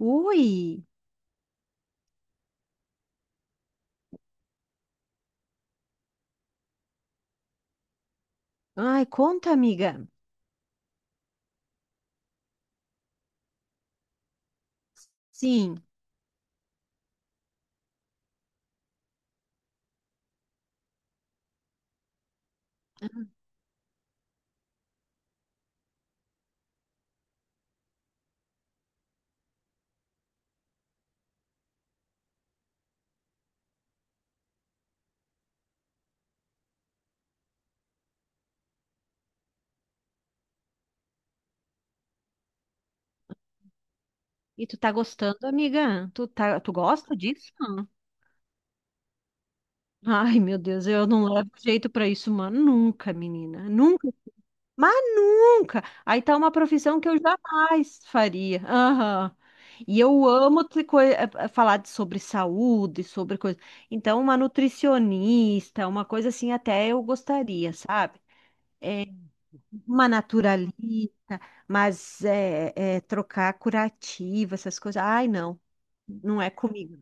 Ui! Ai, conta, amiga. Sim. E tu tá gostando, amiga? Tu gosta disso? Ai, meu Deus, eu não levo jeito pra isso, mano. Nunca, menina. Nunca. Mas nunca. Aí tá uma profissão que eu jamais faria. Aham. E eu amo te co- eh, eh, falar sobre saúde, sobre coisa. Então, uma nutricionista, uma coisa assim, até eu gostaria, sabe? Uma naturalista, mas trocar curativa, essas coisas. Ai, não, não é comigo.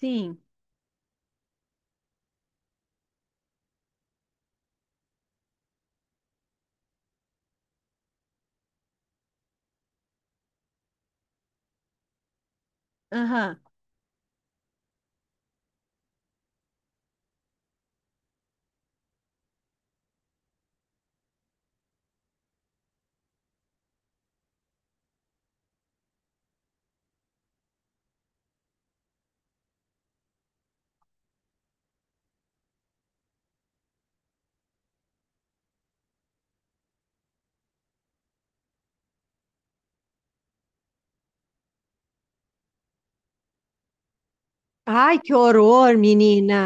Sim, aham. Ai, que horror, menina.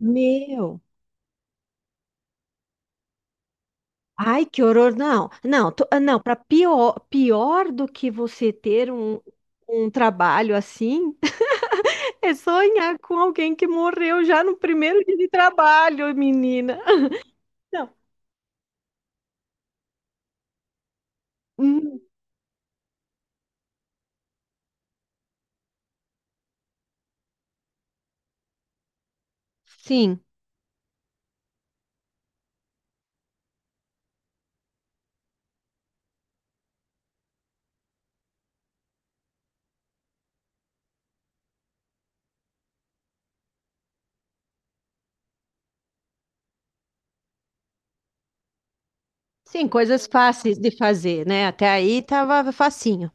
Meu. Ai, que horror. Não, para pior, pior do que você ter um trabalho assim, é sonhar com alguém que morreu já no primeiro dia de trabalho, menina. Não. Hum. Sim, sim, coisas fáceis de fazer, né? Até aí tava facinho.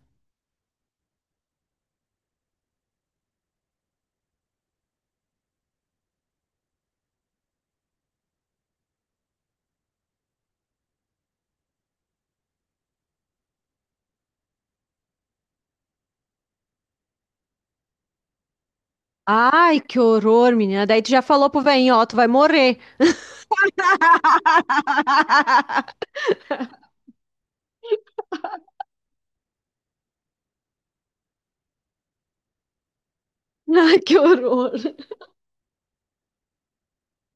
Ai, que horror, menina. Daí tu já falou pro velhinho, ó, tu vai morrer. Ai, que horror.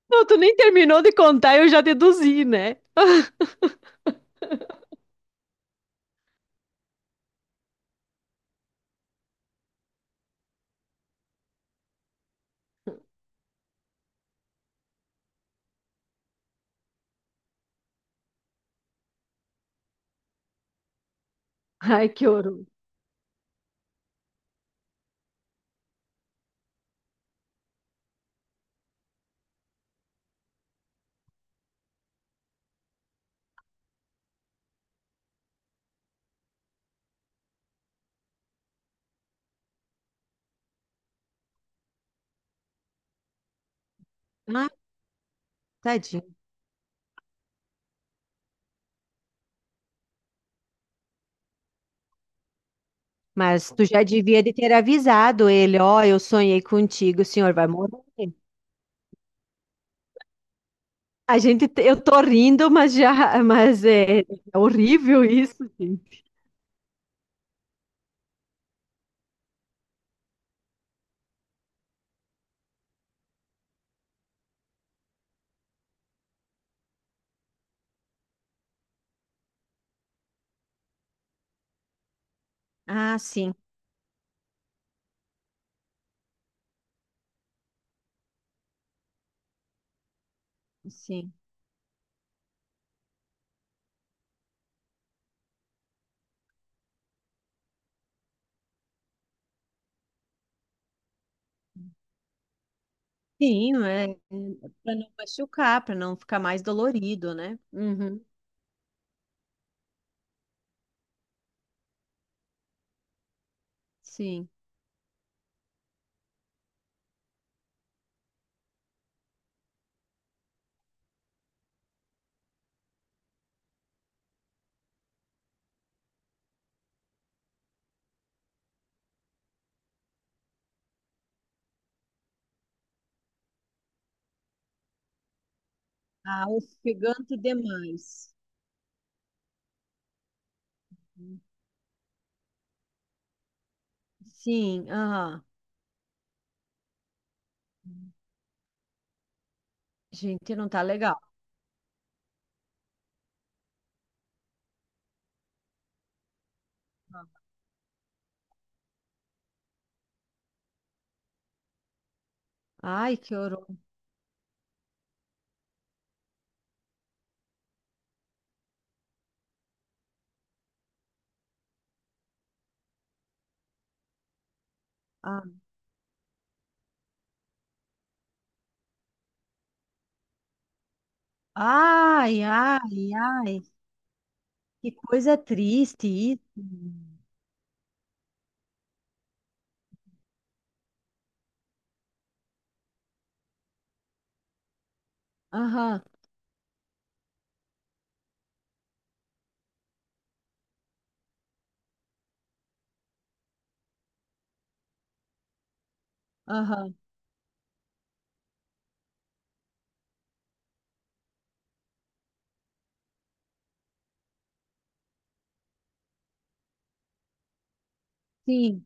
Não, tu nem terminou de contar, eu já deduzi, né? Ai, que horror. Ah, tadinho. Mas tu já devia de ter avisado ele, ó, eu sonhei contigo, o senhor vai morrer. A gente, eu tô rindo, mas já, mas é horrível isso, gente. Ah, sim, sim. Sim, é, para não machucar, para não ficar mais dolorido, né? Uhum, sim. Ah, ofegante demais. Sim, aham. Gente, não tá legal. Ai, que horror. Ah, ai, ai, ai. Que coisa triste isso. Aham, aham. Sim.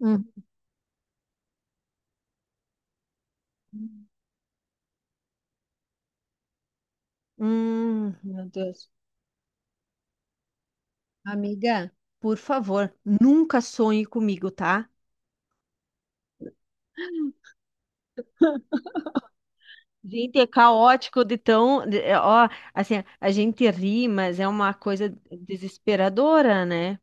Hum. Meu Deus. Amiga, por favor, nunca sonhe comigo, tá? Gente, é caótico de Ó, assim, a gente ri, mas é uma coisa desesperadora, né?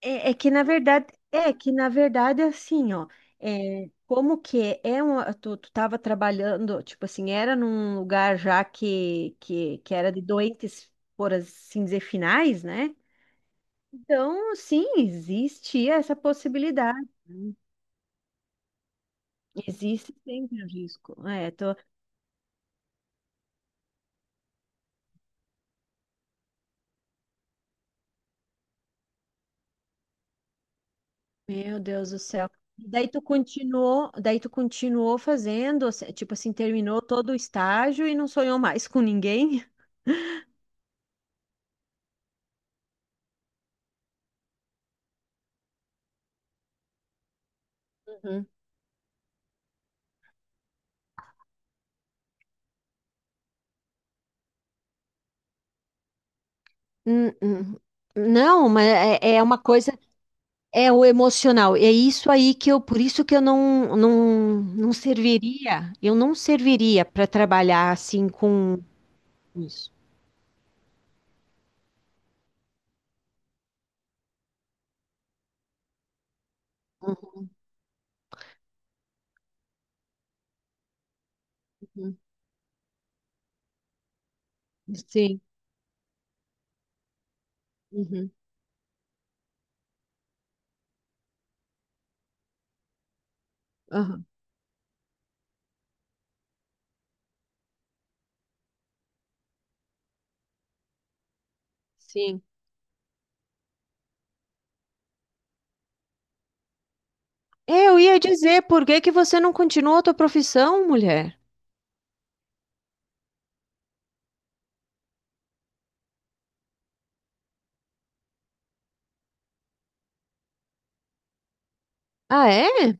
É, é que na verdade assim, ó, é, como que é um, tu tava trabalhando, tipo assim, era num lugar já que era de doentes, por assim dizer, finais, né? Então, sim, existe essa possibilidade, né? Existe sempre o risco. É, tô, meu Deus do céu. E daí tu continuou fazendo, assim, tipo assim, terminou todo o estágio e não sonhou mais com ninguém? N- n- Não, mas é, é uma coisa, é o emocional. É isso aí que eu, por isso que eu não serviria, eu não serviria para trabalhar assim com isso. Uhum, sim, uhum, aham, sim. É, eu ia dizer, por que que você não continuou a tua profissão, mulher? Ah, é?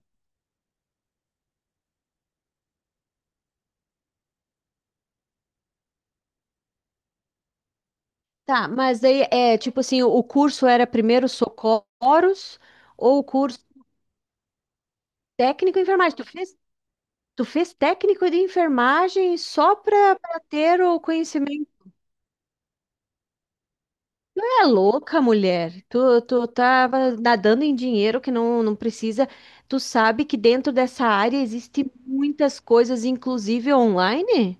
Tá, mas daí é tipo assim, o curso era primeiro socorros ou o curso técnico em enfermagem? Tu fez? Tu fez técnico de enfermagem só pra ter o conhecimento. Tu é louca, mulher. Tu tava nadando em dinheiro que não precisa. Tu sabe que dentro dessa área existe muitas coisas, inclusive online?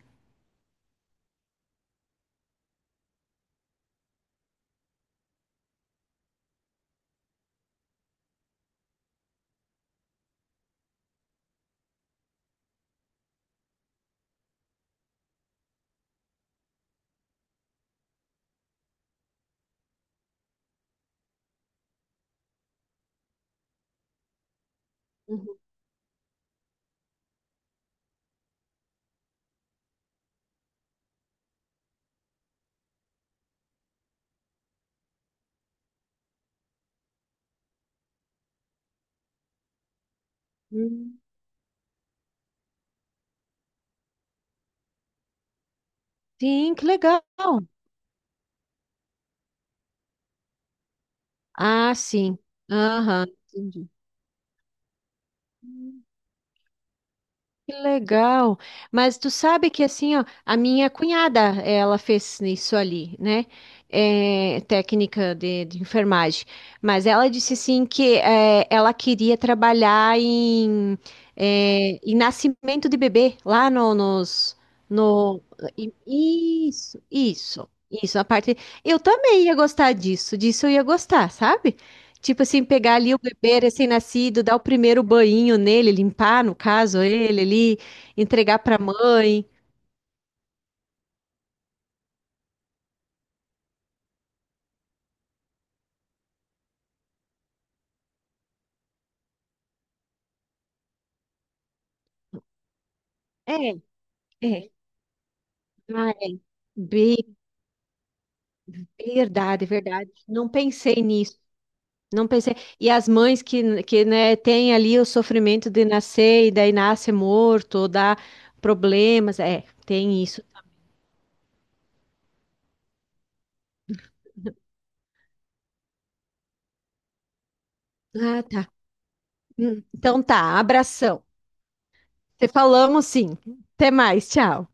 Uhum. Sim, que legal. Ah, sim. Aham, entendi. Que legal. Mas tu sabe que assim, ó, a minha cunhada, ela fez isso ali, né? É, técnica de enfermagem. Mas ela disse assim que é, ela queria trabalhar em, é, em nascimento de bebê, lá no, nos, no, i- isso, isso, isso. A parte, eu também ia gostar disso, disso eu ia gostar, sabe? Tipo assim, pegar ali o bebê recém-nascido, dar o primeiro banho nele, limpar, no caso, ele ali, entregar pra mãe. É, é. Ah, é. Bem, verdade, verdade. Não pensei nisso. Não pensei. E as mães que né, têm ali o sofrimento de nascer e daí nasce morto, ou dá problemas. É, tem isso. Ah, tá. Então tá, abração. Te falamos sim. Até mais, tchau.